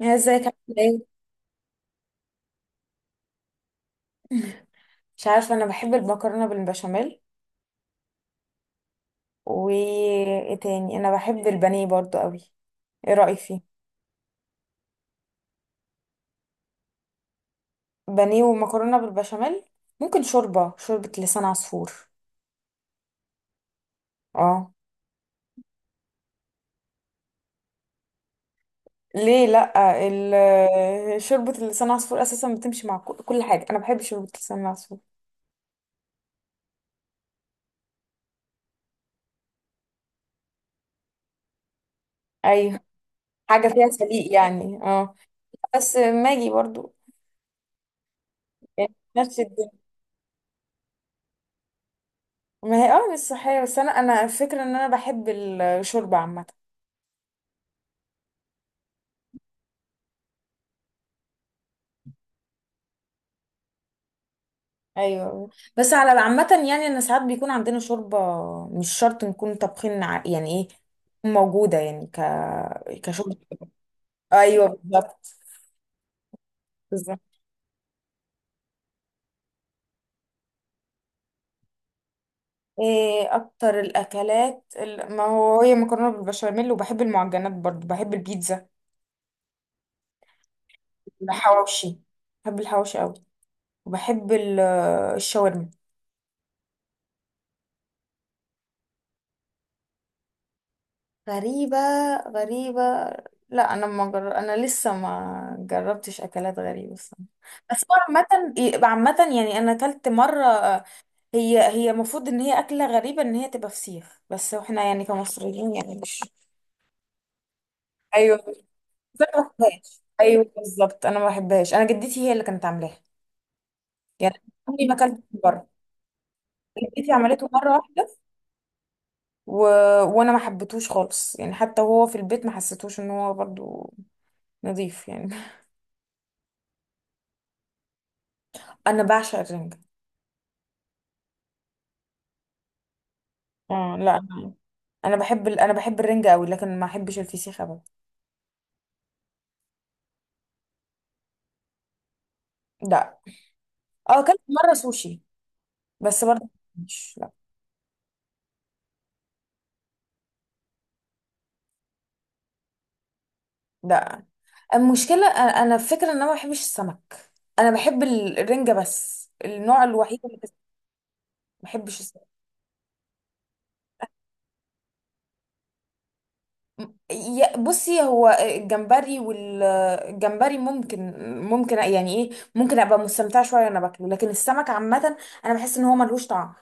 يا، ازيك؟ عاملة ايه؟ مش عارفة، انا بحب المكرونة بالبشاميل. وايه تاني؟ انا بحب البانيه برضو قوي. ايه رأيك فيه؟ بانيه ومكرونة بالبشاميل. ممكن شوربة لسان عصفور. اه. ليه لا؟ شوربة لسان عصفور اساسا بتمشي مع كل حاجة. انا بحب شوربة لسان عصفور. ايوه، حاجة فيها سليق يعني، اه. بس ماجي برضو. يعني نفس الدنيا. ما هي، اه مش صحية، بس انا الفكرة ان انا بحب الشوربة عامة. ايوه، بس على عامة يعني انا ساعات بيكون عندنا شوربة. مش شرط نكون طابخين يعني ايه، تكون موجودة يعني كشوربة. ايوه بالظبط. بالظبط. ايه اكتر الاكلات ما هو هي مكرونة بالبشاميل، وبحب المعجنات برضو، بحب البيتزا. الحواوشي. بحب الحواوشي قوي. وبحب الشاورما. غريبة؟ غريبة. لا، انا ما جر... انا لسه ما جربتش اكلات غريبة الصراحة. بس هو عامة، عامة يعني انا اكلت مرة. هي المفروض ان هي اكلة غريبة، ان هي تبقى فسيخ، بس احنا يعني كمصريين يعني مش ايوه بس انا ما بحبهاش، ايوه بالظبط، انا ما بحبهاش، انا جدتي هي اللي كانت عاملاها. يعني عمري ما اكلت من بره. جدتي عملته مرة واحدة، و... وانا ما حبيتهوش خالص، يعني حتى وهو في البيت ما حسيتوش ان هو برضو نظيف يعني. انا بعشق الرنجة. اه، لا انا، انا بحب الرنجة قوي، لكن ما احبش الفسيخ ابدا. لا، اه، اكلت مره سوشي، بس برضه مش، لا. لا، المشكله انا، الفكره ان انا ما بحبش السمك. انا بحب الرنجة، بس النوع الوحيد اللي ما بحبش السمك. بصي، هو الجمبري والجمبري ممكن يعني ايه، ممكن ابقى مستمتعه شويه وانا باكله، لكن السمك عامه انا بحس ان هو ملهوش طعم.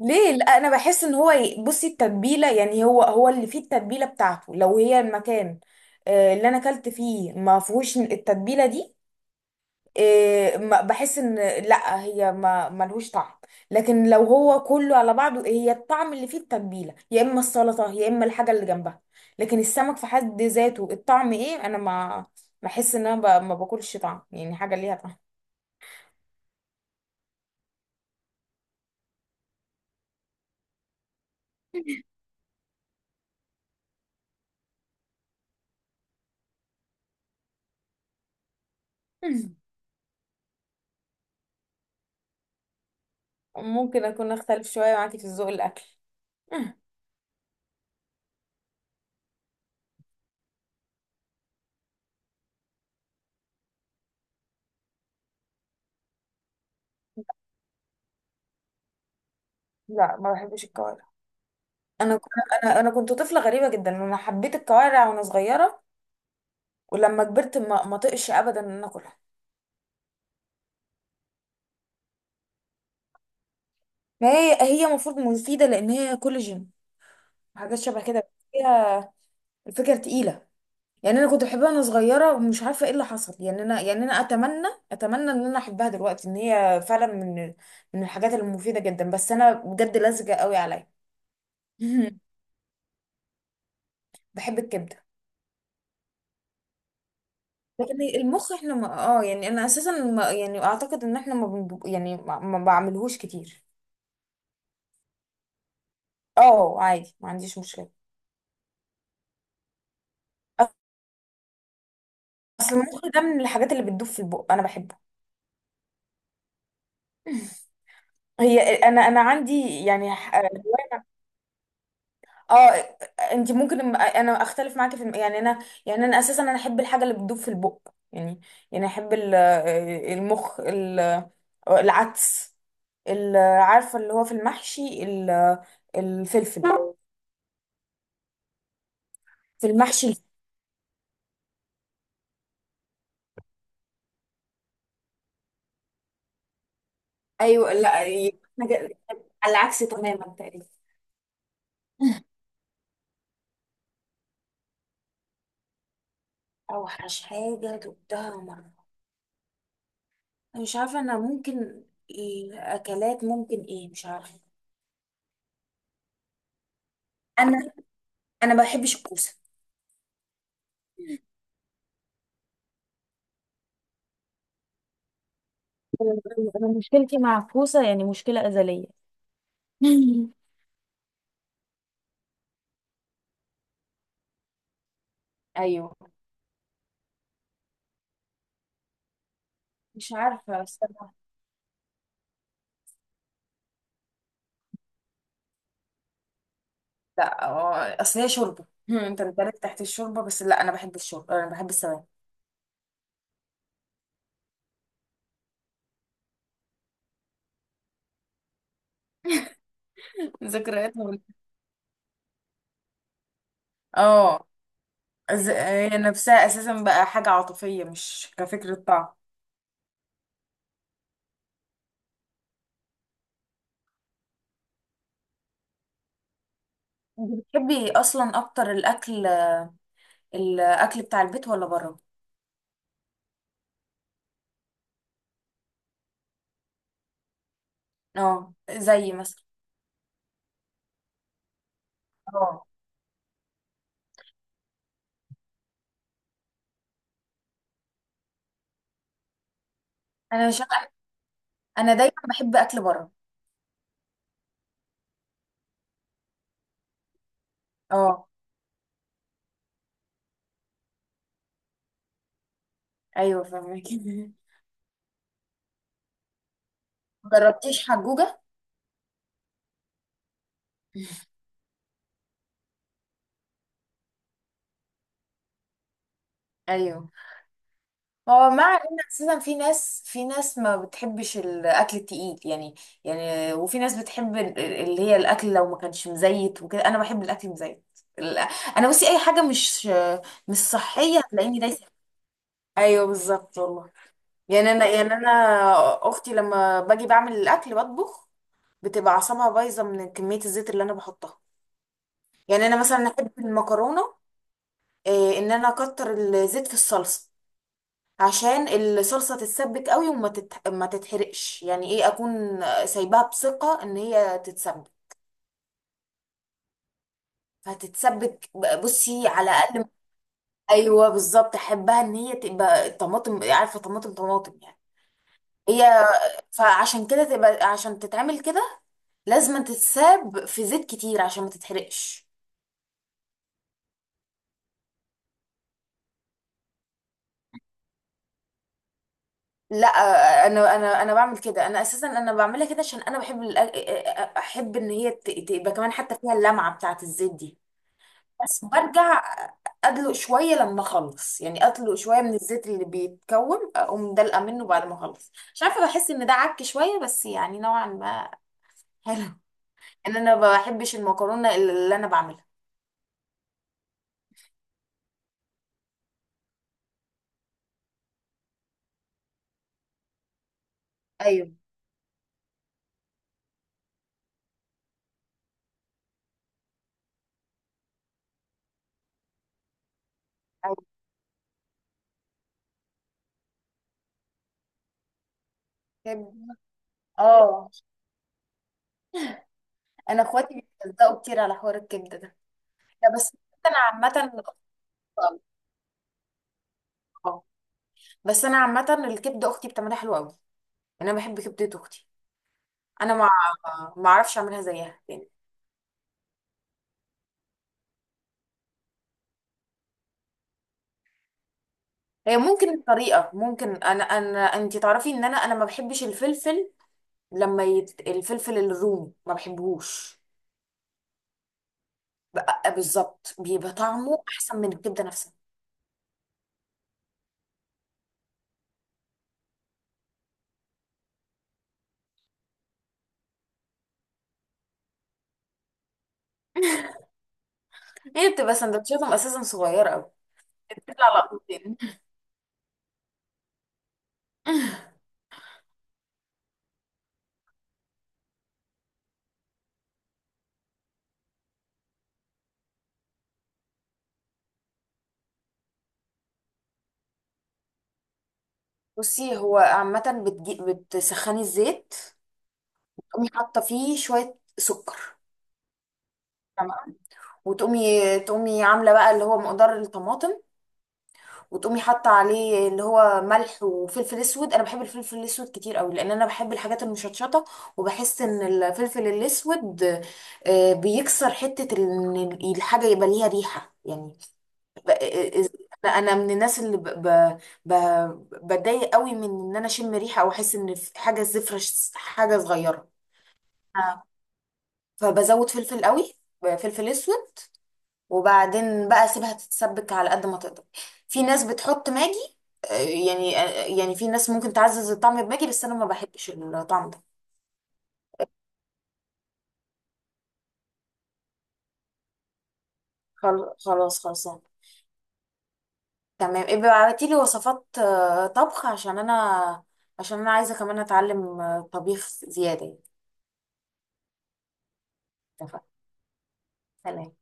ليه لا؟ انا بحس ان هو بصي، التتبيله يعني هو اللي فيه التتبيله بتاعته، لو هي المكان. اللي انا اكلت فيه ما فيهوش التتبيله دي. بحس ان، لا هي ما ملهوش طعم، لكن لو هو كله على بعضه، هي الطعم اللي فيه التتبيله، يا اما السلطه يا اما الحاجه اللي جنبها. لكن السمك في حد ذاته الطعم ايه؟ انا ما بحس ان انا ما باكلش طعم، يعني حاجه ليها طعم. ممكن اكون اختلف شويه معاكي في الذوق الاكل. لا، ما بحبش الكوارع. انا انا كنت طفله غريبه جدا، انا حبيت الكوارع وانا صغيره. ولما كبرت ما طقش ابدا ان انا اكلها. ما هي، هي المفروض مفيده لان هي كولاجين. حاجات شبه كده، بس هي الفكره تقيله. يعني انا كنت بحبها وانا صغيره ومش عارفه ايه اللي حصل، يعني انا، يعني انا اتمنى ان انا احبها دلوقتي، ان هي فعلا من الحاجات المفيده جدا، بس انا بجد لزجه قوي عليا. بحب الكبده. لكن المخ احنا ما، اه يعني انا اساسا ما، يعني اعتقد ان احنا ما بنب... يعني ما بعملهوش كتير. اه، عادي، ما عنديش مشكله. اصل المخ ده من الحاجات اللي بتدوب في البق، انا بحبه. هي انا عندي يعني اه. انت ممكن انا اختلف معاكي في يعني انا. يعني انا اساسا انا احب الحاجه اللي بتدوب في البق. يعني يعني احب المخ، العدس، عارفه اللي هو في المحشي الفلفل. في المحشي الفلفل. ايوه، لا، احنا على العكس تماما تقريبا. اوحش حاجه دقتها مرة. مش عارفة، أنا ممكن إيه؟ أكلات ممكن إيه؟ مش عارفة. انا انا ما بحبش الكوسه. انا مشكلتي مع الكوسه يعني مشكله ازليه. أيوه. مش عارفة الصراحة. لا، أصل هي شوربة، أنت بتبارك تحت الشوربة، بس لا، أنا بحب الشوربة، أنا بحب السواد. ذكرياتها اه، هي نفسها أساسا بقى حاجة عاطفية، مش كفكرة طعم. أنت بتحبي أصلا أكتر الأكل بتاع البيت ولا بره؟ اه، زي مثلا. اه، أنا دايما بحب اكل بره. اه، ايوه فاهمك. جربتيش حجوجة؟ ايوه. هو مع ان اساسا في ناس ما بتحبش الاكل التقيل يعني. يعني وفي ناس بتحب اللي هي الاكل لو ما كانش مزيت وكده، انا بحب الاكل مزيت. ال- انا بصي اي حاجه مش صحيه هتلاقيني دايسه. ايوه بالظبط والله. يعني انا اختي لما باجي بعمل الاكل بطبخ، بتبقى اعصابها بايظه من كميه الزيت اللي انا بحطها. يعني انا مثلا احب المكرونه، ان انا اكتر الزيت في الصلصه عشان الصلصه تتسبك قوي، ما تتحرقش، يعني ايه، اكون سايباها بثقه ان هي تتسبك. فهتتسبك، بصي على اقل. ايوه بالظبط، احبها ان هي تبقى طماطم، عارفه؟ طماطم طماطم يعني. هي فعشان كده تبقى، عشان تتعمل كده لازم تتساب في زيت كتير عشان ما تتحرقش. لا، انا بعمل كده، انا اساسا انا بعملها كده عشان انا بحب احب ان هي تبقى كمان حتى فيها اللمعه بتاعه الزيت دي. بس برجع ادلق شويه لما اخلص، يعني ادلق شويه من الزيت اللي بيتكون، اقوم دلقه منه بعد ما اخلص. مش عارفه، بحس ان ده عك شويه بس يعني نوعا ما حلو. ان انا ما بحبش المكرونه اللي انا بعملها. ايوه، ايوه. كبدة. اه، انا اخواتي بيتلزقوا كتير على حوار الكبده ده. لا، انا عامه بس انا عامه الكبده اختي بتعملها حلوه قوي. انا بحب كبده اختي. انا ما اعرفش اعملها زيها يعني. هي ممكن الطريقه، ممكن، انا انتي تعرفي ان انا ما بحبش الفلفل. لما الفلفل الرومي ما بحبهوش. بقى بالظبط بيبقى طعمه احسن من الكبده نفسها. هي بتبقى سندوتشاتهم اساسا صغيره قوي، بتطلع لقطتين. بصي، هو عامه بتسخني الزيت، تقومي حاطه فيه شويه سكر، وتقومي عامله بقى اللي هو مقدار الطماطم، وتقومي حاطه عليه اللي هو ملح وفلفل اسود. انا بحب الفلفل الاسود كتير قوي، لان انا بحب الحاجات المشطشطه. وبحس ان الفلفل الاسود بيكسر حته ان الحاجه يبقى ليها ريحه يعني. ب- آه، انا من الناس اللي ب- بتضايق قوي من ان انا اشم ريحه او احس ان في حاجه زفره، حاجه صغيره. آه. فبزود فلفل قوي، فلفل اسود. وبعدين بقى سيبها تتسبك على قد ما تقدر. في ناس بتحط ماجي، آه، يعني يعني في ناس ممكن تعزز الطعم بماجي، بس انا ما بحبش الطعم ده. خلاص خلصان. تمام، ابقى ابعتي لي وصفات طبخ عشان انا، عشان انا عايزه كمان اتعلم طبيخ زياده يعني. اتفقنا، سلام.